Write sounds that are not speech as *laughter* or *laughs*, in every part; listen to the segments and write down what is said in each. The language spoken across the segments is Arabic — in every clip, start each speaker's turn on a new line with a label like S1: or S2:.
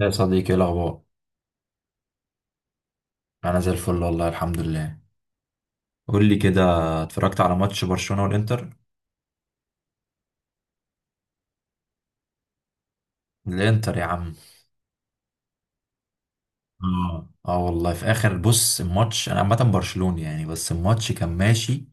S1: يا صديقي، ايه الاخبار؟ انا زي الفل والله الحمد لله. قول لي كده، اتفرجت على ماتش برشلونة والانتر؟ الانتر يا عم. اه والله في اخر بص الماتش انا عامه برشلوني يعني، بس الماتش كان ماشي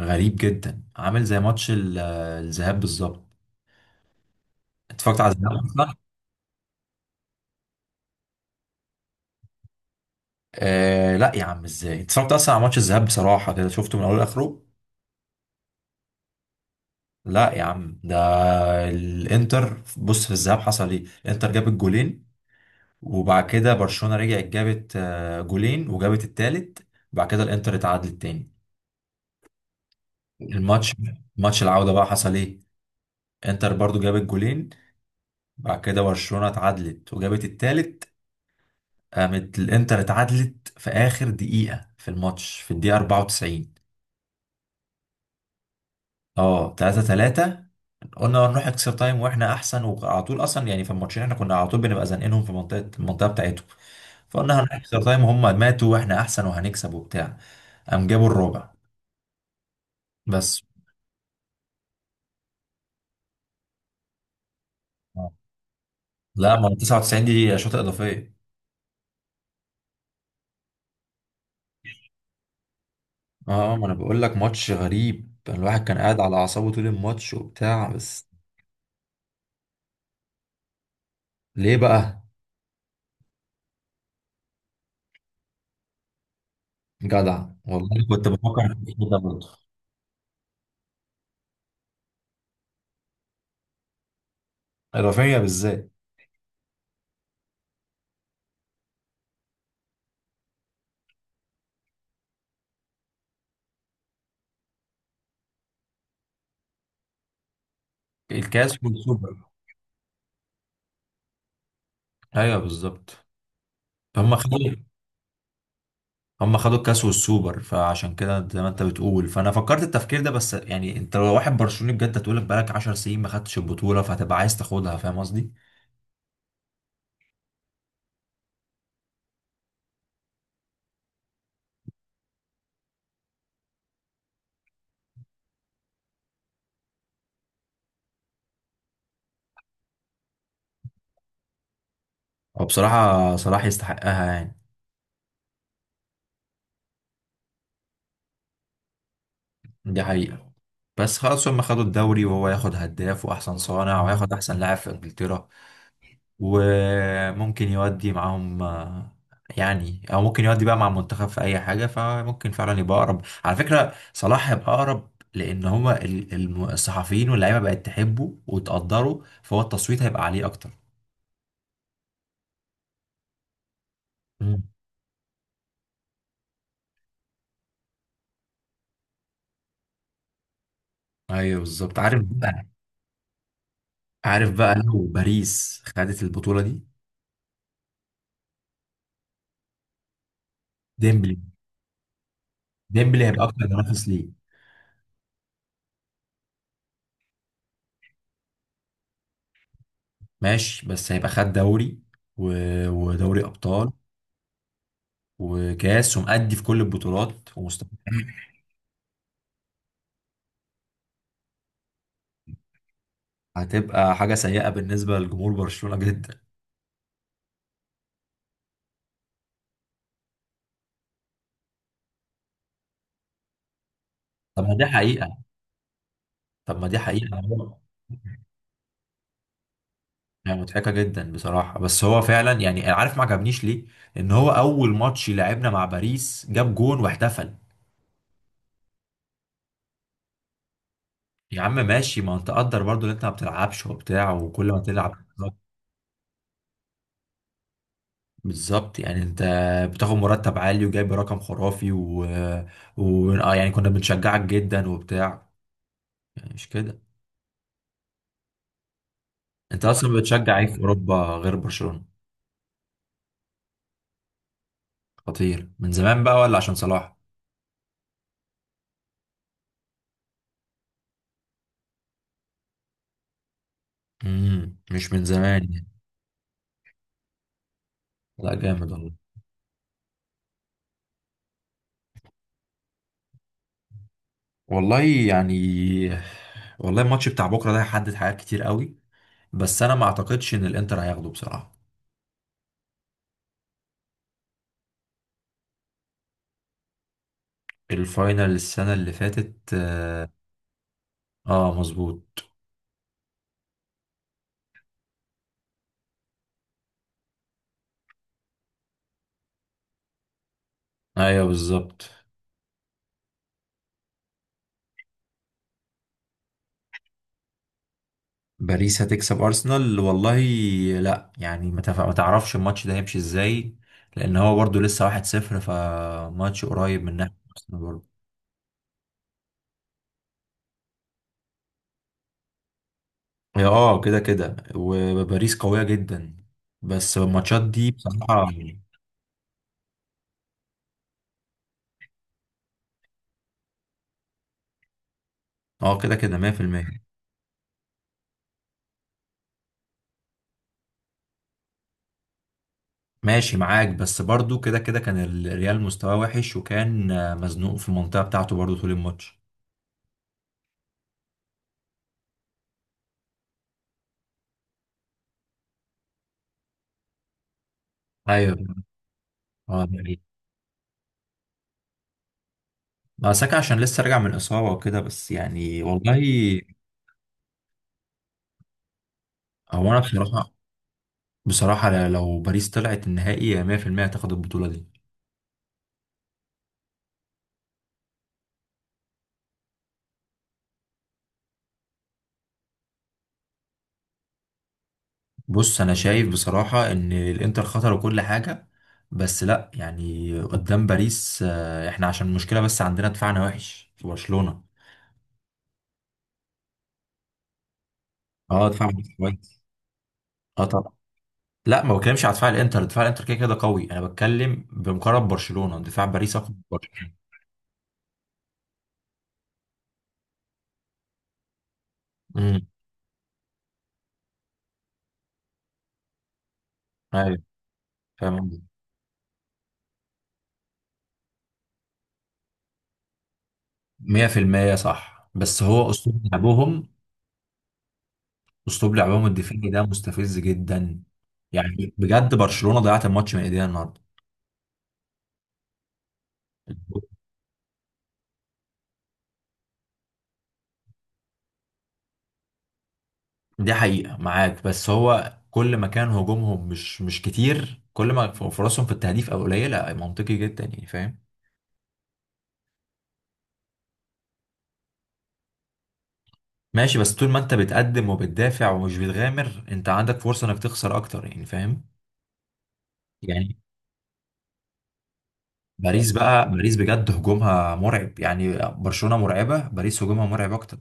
S1: غريب جدا، عامل زي ماتش الذهاب بالظبط. اتفرجت على الذهاب؟ آه لا يا عم، ازاي اتفرجت اصلا على ماتش الذهاب بصراحه؟ كده شفته من اوله لاخره. لا يا عم، ده الانتر بص. في الذهاب حصل ايه؟ الانتر جاب الجولين، وبعد كده برشلونة رجعت جابت جولين وجابت التالت، وبعد كده الانتر اتعادلت تاني الماتش. ماتش العودة بقى حصل ايه؟ انتر برضو جابت جولين، بعد كده برشلونة اتعادلت وجابت التالت، قامت الانتر اتعادلت في اخر دقيقة في الماتش، في الدقيقة 94. اه، 3-3. قلنا نروح اكسترا تايم واحنا احسن، وعلى طول اصلا يعني في الماتشين احنا كنا على طول بنبقى زنقينهم في المنطقة بتاعتهم. فقلنا هنروح اكسترا تايم وهم ماتوا واحنا احسن وهنكسب وبتاع. قام جابوا الرابع، بس. آه. لا ما هو 99 دي شوطة إضافية. اه، ما انا بقول لك ماتش غريب، الواحد كان قاعد على اعصابه طول الماتش وبتاع، بس. ليه بقى؟ جدع والله، كنت بفكر في كده برضه. إضافية بالذات. الكاس والسوبر. ايوه بالظبط. هم خدوا، هم خدوا الكاس والسوبر، فعشان كده زي ما انت بتقول، فانا فكرت التفكير ده، بس يعني انت لو واحد برشلوني بجد هتقول بقالك 10 سنين ما خدتش البطولة، فهتبقى عايز تاخدها. فاهم قصدي؟ وبصراحة صلاح يستحقها يعني. دي حقيقة. بس خلاص هم خدوا الدوري، وهو ياخد هداف وأحسن صانع وياخد أحسن لاعب في إنجلترا، وممكن يودي معاهم يعني، أو ممكن يودي بقى مع المنتخب في أي حاجة. فممكن فعلا يبقى أقرب. على فكرة صلاح يبقى أقرب، لأن هما الصحفيين واللعيبة بقت تحبه وتقدره، فهو التصويت هيبقى عليه أكتر. مم. أيوه بالظبط. عارف بقى، عارف بقى لو باريس خدت البطولة دي. ديمبلي، ديمبلي هيبقى أكتر منافس ليه. ماشي، بس هيبقى خد دوري و... ودوري ابطال وكاس، ومأدي في كل البطولات ومستمر. هتبقى حاجه سيئه بالنسبه لجمهور برشلونه جدا. طب ما دي حقيقه. طب ما دي حقيقه هو- يعني مضحكه جدا بصراحه، بس هو فعلا يعني أنا عارف ما عجبنيش ليه. ان هو اول ماتش لعبنا مع باريس جاب جون واحتفل. يا عم ماشي، ما انت قدر برضو ان انت ما بتلعبش وبتاع، وكل ما تلعب. بالظبط يعني، انت بتاخد مرتب عالي وجايب رقم خرافي يعني كنا بنشجعك جدا وبتاع، يعني مش كده. انت اصلا بتشجع ايه في اوروبا غير برشلونة؟ خطير من زمان بقى ولا عشان صلاح؟ مش من زمان يعني. لا جامد والله. والله يعني، والله الماتش بتاع بكره ده هيحدد حاجات كتير قوي، بس انا ما اعتقدش ان الانتر هياخده بصراحة. الفاينل السنة اللي فاتت، اه. آه، مظبوط. ايوه بالظبط. باريس هتكسب ارسنال والله. لا يعني، ما تعرفش الماتش ده هيمشي ازاي، لان هو برضو لسه 1-0، فماتش قريب من ناحية ارسنال برضو. هي اه، كده كده، وباريس قوية جدا، بس الماتشات دي بصراحة. اه كده كده، 100%. ماشي معاك، بس برضو كده كده كان الريال مستواه وحش، وكان مزنوق في المنطقة بتاعته برضو طول الماتش. ايوه. اه ده حقيقي. ما ساكا عشان لسه راجع من اصابة وكده، بس يعني والله. هو انا بصراحة، بصراحة لو باريس طلعت النهائي 100% هتاخد البطولة دي. بص، أنا شايف بصراحة إن الإنتر خطر وكل حاجة، بس لأ يعني قدام باريس إحنا عشان المشكلة بس عندنا دفاعنا وحش في برشلونة. أه دفاع باريس كويس. أه طبعا. لأ، ما بتكلمش على دفاع الإنتر، دفاع الإنتر كده كده قوي. أنا بتكلم بمقارنة برشلونة، دفاع باريس أقوى من برشلونة. امم. أيوه، فاهم قصدك. 100% صح، بس هو أسلوب لعبهم، اسلوب لعبهم الدفاعي ده مستفز جدا. يعني بجد برشلونة ضيعت الماتش من ايديها النهارده. دي حقيقة معاك، بس هو كل ما كان هجومهم مش كتير، كل ما فرصهم في التهديف او قليلة. منطقي جدا يعني، فاهم. ماشي، بس طول ما انت بتقدم وبتدافع ومش بتغامر، انت عندك فرصة انك تخسر اكتر يعني، فاهم. يعني باريس بقى، باريس بجد هجومها مرعب. يعني برشلونة مرعبة، باريس هجومها مرعب اكتر.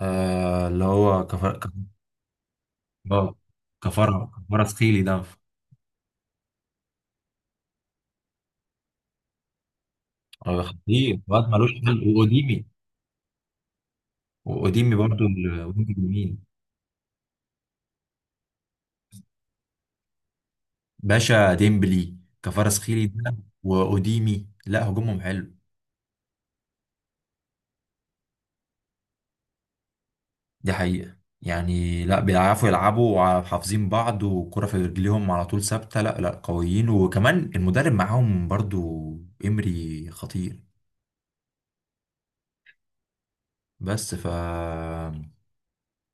S1: آه اللي هو كفر. كفارة سخيلي ده. اه خطير، واد ملوش حل. واوديمي، واوديمي برضو الوينج اليمين. باشا ديمبلي، كفارس خيلي ده، واوديمي. لا هجومهم حلو. دي حقيقة. يعني لا، بيعرفوا يلعبوا وحافظين بعض، والكرة في رجليهم على طول ثابتة. لا لا، قويين، وكمان المدرب معاهم برضو. إمري خطير. بس ف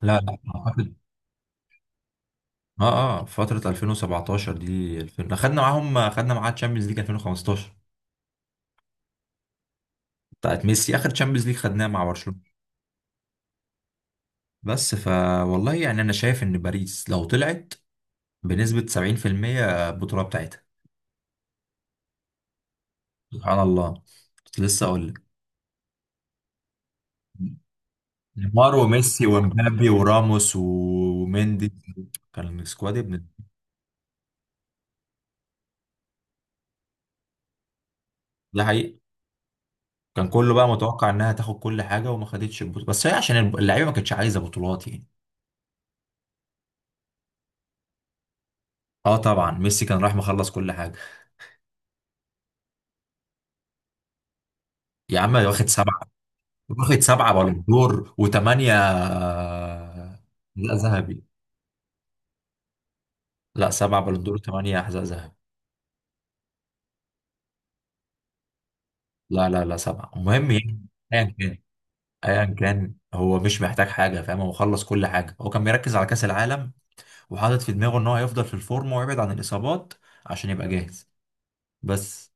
S1: لا لا أعتقد. اه اه، فترة 2017 دي، 2000 خدنا معاهم، خدنا معاها تشامبيونز ليج 2015 بتاعت ميسي. اخر تشامبيونز ليج خدناها مع برشلونة. بس ف والله يعني انا شايف ان باريس لو طلعت بنسبة 70% البطولة بتاعتها. سبحان الله، كنت لسه اقول لك. نيمار وميسي ومبابي وراموس وميندي، كان سكواد ابن. ده حقيقي. كان كله بقى متوقع انها تاخد كل حاجة، وما خدتش البطولة، بس هي عشان اللعيبة ما كانتش عايزة بطولات يعني. اه طبعا، ميسي كان راح مخلص كل حاجة. يا عم، واخد سبعة. واخد سبعة بالون دور وثمانية حذاء ذهبي. لا، سبعة بالون دور وثمانية حذاء ذهبي. لا لا لا، سبعة، المهم يعني ايا كان. ايا كان، هو مش محتاج حاجه فاهم، هو خلص كل حاجه، هو كان مركز على كاس العالم وحاطط في دماغه ان هو هيفضل في الفورم ويبعد عن الاصابات عشان يبقى جاهز، بس.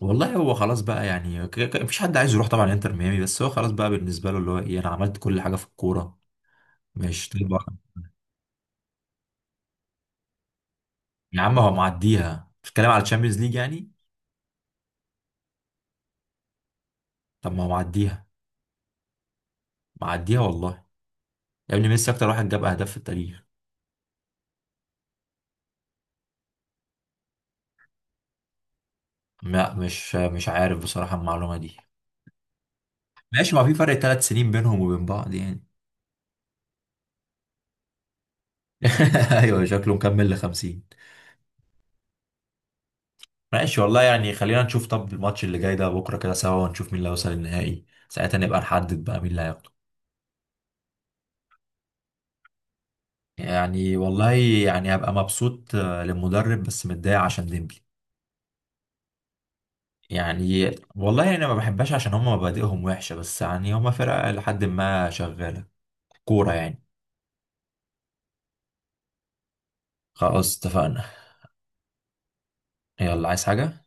S1: والله هو خلاص بقى يعني، مفيش حد عايز يروح طبعا انتر ميامي، بس هو خلاص بقى بالنسبه له اللي هو ايه، انا عملت كل حاجه في الكوره. مش طيب. يا عم هو معديها، بتتكلم على الشامبيونز ليج يعني. طب ما هو معديها. معديها والله. يا ابني ميسي اكتر واحد جاب اهداف في التاريخ. لا، مش مش عارف بصراحه المعلومه دي. ماشي، ما في فرق 3 سنين بينهم وبين بعض يعني. *laughs* ايوه شكله مكمل ل 50. ماشي والله يعني، خلينا نشوف طب الماتش اللي جاي ده بكره كده سوا، ونشوف مين اللي هيوصل النهائي، ساعتها نبقى نحدد بقى مين اللي هياخده. يعني والله، يعني هبقى مبسوط للمدرب بس متضايق عشان ديمبلي. يعني والله انا ما بحبهاش، عشان هم مبادئهم وحشه، بس يعني هم فرقه لحد ما شغاله كوره يعني. خلاص اتفقنا. يلا، عايز حاجه؟